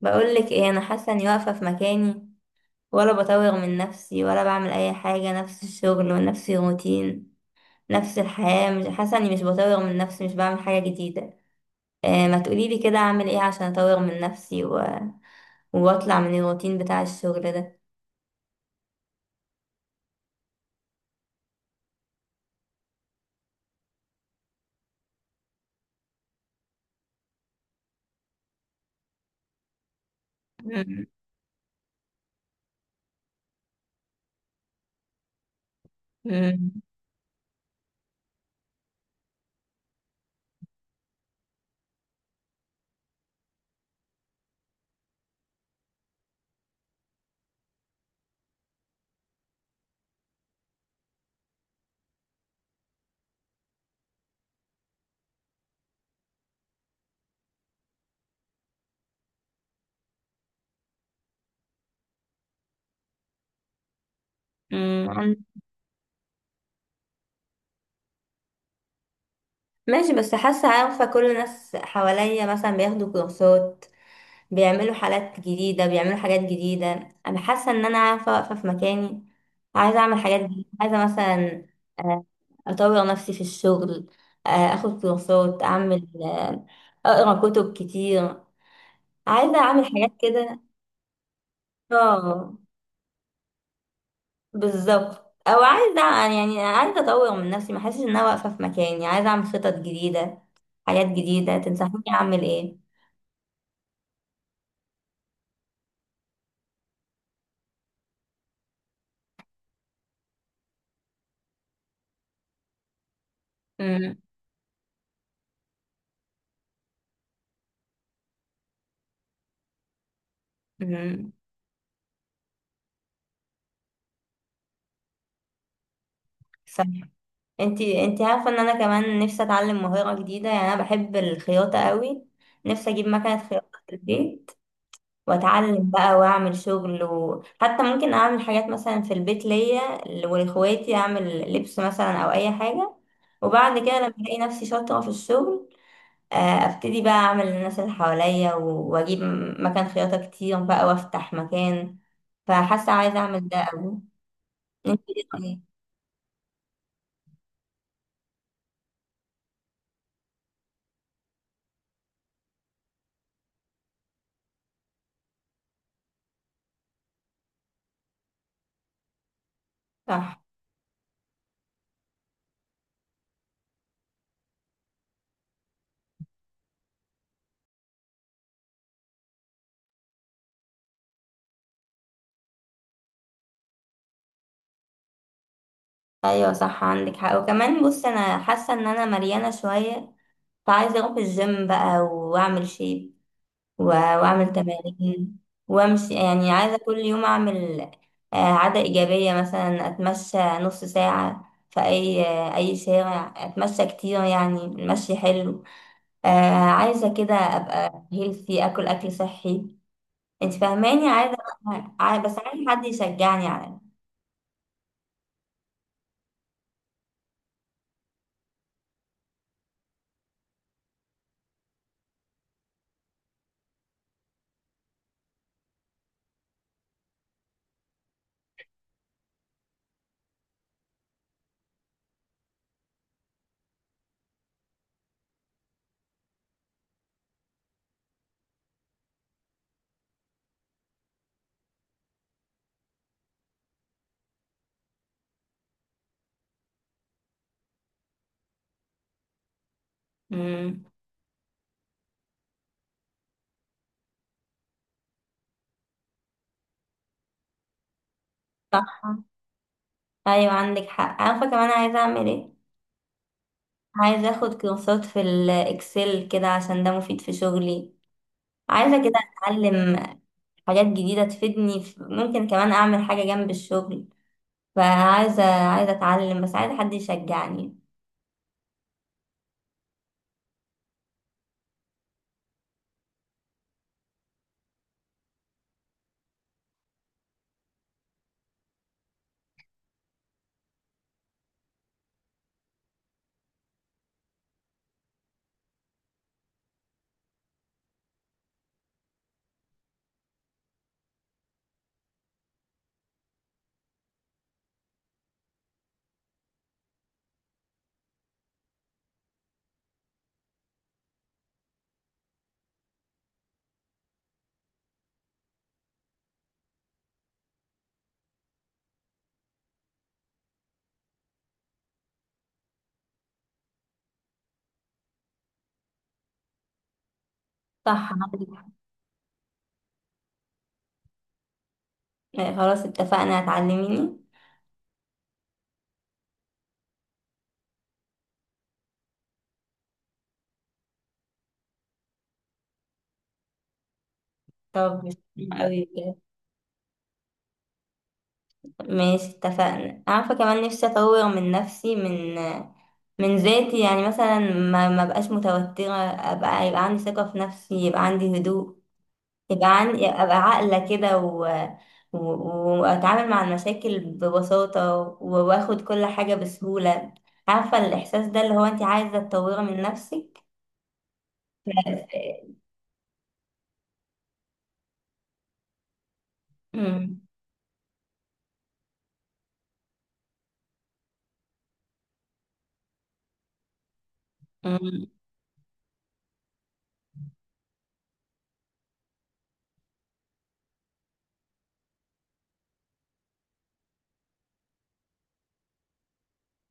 بقولك ايه، انا حاسه اني واقفه في مكاني، ولا بطور من نفسي ولا بعمل اي حاجه. نفس الشغل ونفس الروتين نفس الحياه. مش حاسه اني، مش بطور من نفسي، مش بعمل حاجه جديده. آه ما تقوليلي كده اعمل ايه عشان اطور من نفسي و... واطلع من الروتين بتاع الشغل ده. مم. مم. مم. ماشي، بس حاسه، عارفه كل الناس حواليا مثلا بياخدوا كورسات، بيعملوا حالات جديدة، بيعملوا حاجات جديدة. أنا حاسة إن أنا، عارفة واقفة في مكاني، عايزة أعمل حاجات جديدة، عايزة مثلا آه، أطور نفسي في الشغل، أخد كورسات، أعمل، أقرأ كتب كتير، عايزة أعمل حاجات كده. اه بالظبط، أو عايزة، يعني عايزة أطور من نفسي، ما أحسش إن أنا واقفة في مكاني، عايزة أعمل خطط جديدة، حاجات جديدة. تنصحيني أعمل إيه؟ امم، انتي عارفة ان انا كمان نفسي اتعلم مهارة جديدة، يعني انا بحب الخياطة قوي، نفسي اجيب مكنة خياطة في البيت واتعلم بقى واعمل شغل، وحتى ممكن اعمل حاجات مثلا في البيت ليا ولاخواتي، اعمل لبس مثلا او اي حاجة. وبعد كده لما الاقي نفسي شاطرة في الشغل، ابتدي بقى اعمل للناس اللي حواليا، واجيب مكان خياطة كتير بقى، وافتح مكان. فحاسة عايزة اعمل ده قوي. انتي ايه رأيك؟ صح، ايوه صح عندك حق. وكمان بص، انا حاسه ان انا مليانه شويه، فعايزه اروح الجيم بقى واعمل شيب، واعمل تمارين وامشي. يعني عايزه كل يوم اعمل عاده ايجابيه، مثلا اتمشى نص ساعه في اي، اي شارع، اتمشى كتير، يعني المشي حلو. آه، عايزه كده ابقى هيلثي، اكل اكل صحي. انت فاهماني، عايزه، بس عايزه حد يشجعني على. مم. صح. ايوه عندك حق. عارفه كمان عايزه اعمل ايه؟ عايزه اخد كورسات في الاكسل كده، عشان ده مفيد في شغلي. عايزه كده اتعلم حاجات جديده تفيدني في- ممكن كمان اعمل حاجه جنب الشغل. فعايزه اتعلم، بس عايزه حد يشجعني. صح. خلاص اتفقنا، هتعلميني. طب، قوي كده. ماشي اتفقنا. عارفه كمان نفسي اطور من نفسي، من ذاتي، يعني مثلا ما بقاش متوتره، ابقى، يبقى عندي ثقه في نفسي، يبقى عندي هدوء، يبقى عن... ابقى عاقله كده و... و... واتعامل مع المشاكل ببساطه و... واخد كل حاجه بسهوله. عارفه الاحساس ده، اللي هو انت عايزه تطوري من نفسك. امم. امم.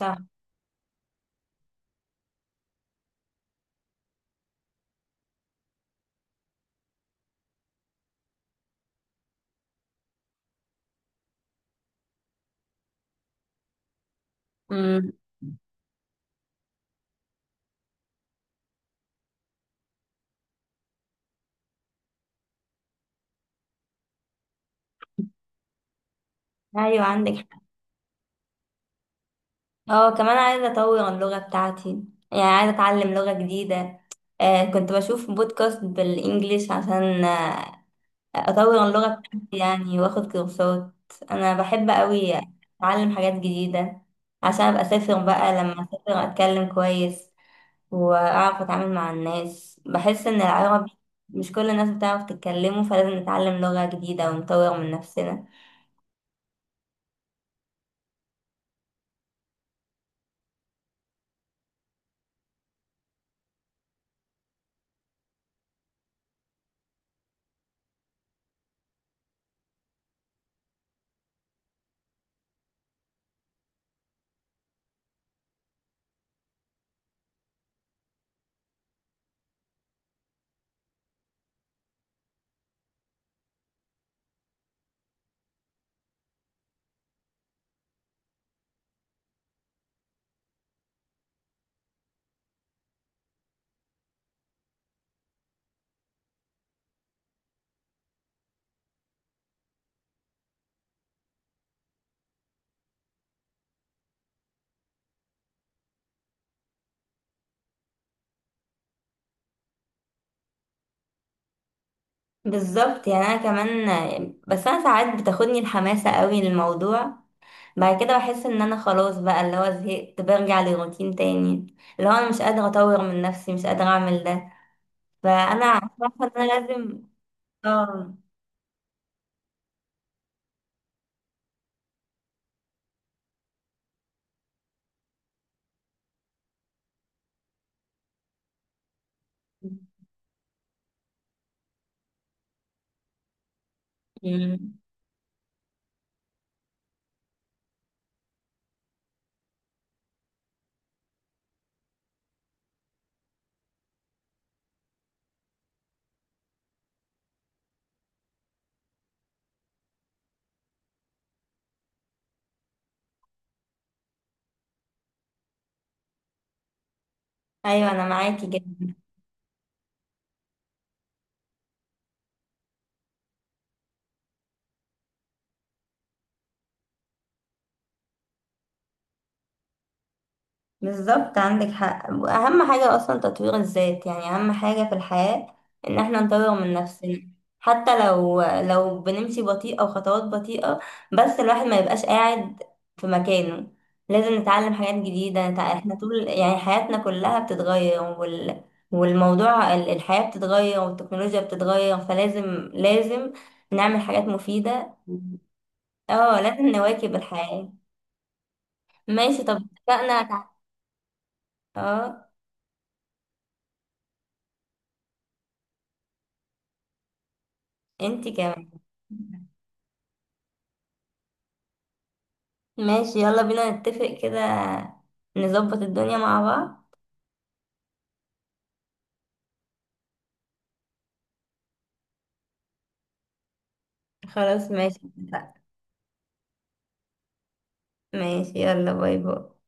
صح. امم. ايوه عندك حق. اه، كمان عايزه اطور اللغه بتاعتي، يعني عايزه اتعلم لغه جديده. آه كنت بشوف بودكاست بالانجليش عشان اطور اللغه بتاعتي، يعني واخد كورسات. انا بحب قوي اتعلم حاجات جديده، عشان ابقى اسافر بقى، لما اسافر اتكلم كويس واعرف اتعامل مع الناس. بحس ان العربي مش كل الناس بتعرف تتكلمه، فلازم نتعلم لغه جديده ونطور من نفسنا. بالظبط. يعني انا كمان، بس انا ساعات بتاخدني الحماسه قوي للموضوع، بعد كده بحس ان انا خلاص بقى، اللي هو زهقت، برجع للروتين تاني، اللي هو انا مش قادره اطور من نفسي، مش قادره اعمل ده. فانا عارفه ان انا لازم. اه. مم. ايوه انا معاكي جدا. بالظبط عندك حق، اهم حاجة اصلا تطوير الذات، يعني اهم حاجة في الحياة ان احنا نطور من نفسنا، حتى لو بنمشي بطيئة وخطوات بطيئة، بس الواحد ما يبقاش قاعد في مكانه. لازم نتعلم حاجات جديدة، احنا طول يعني حياتنا كلها بتتغير، والموضوع الحياة بتتغير والتكنولوجيا بتتغير، فلازم لازم نعمل حاجات مفيدة. اه لازم نواكب الحياة. ماشي طب، اتفقنا. اه انتي كمان. ماشي يلا بينا نتفق كده، نظبط الدنيا مع بعض. خلاص ماشي اتفقنا. ماشي يلا، باي باي.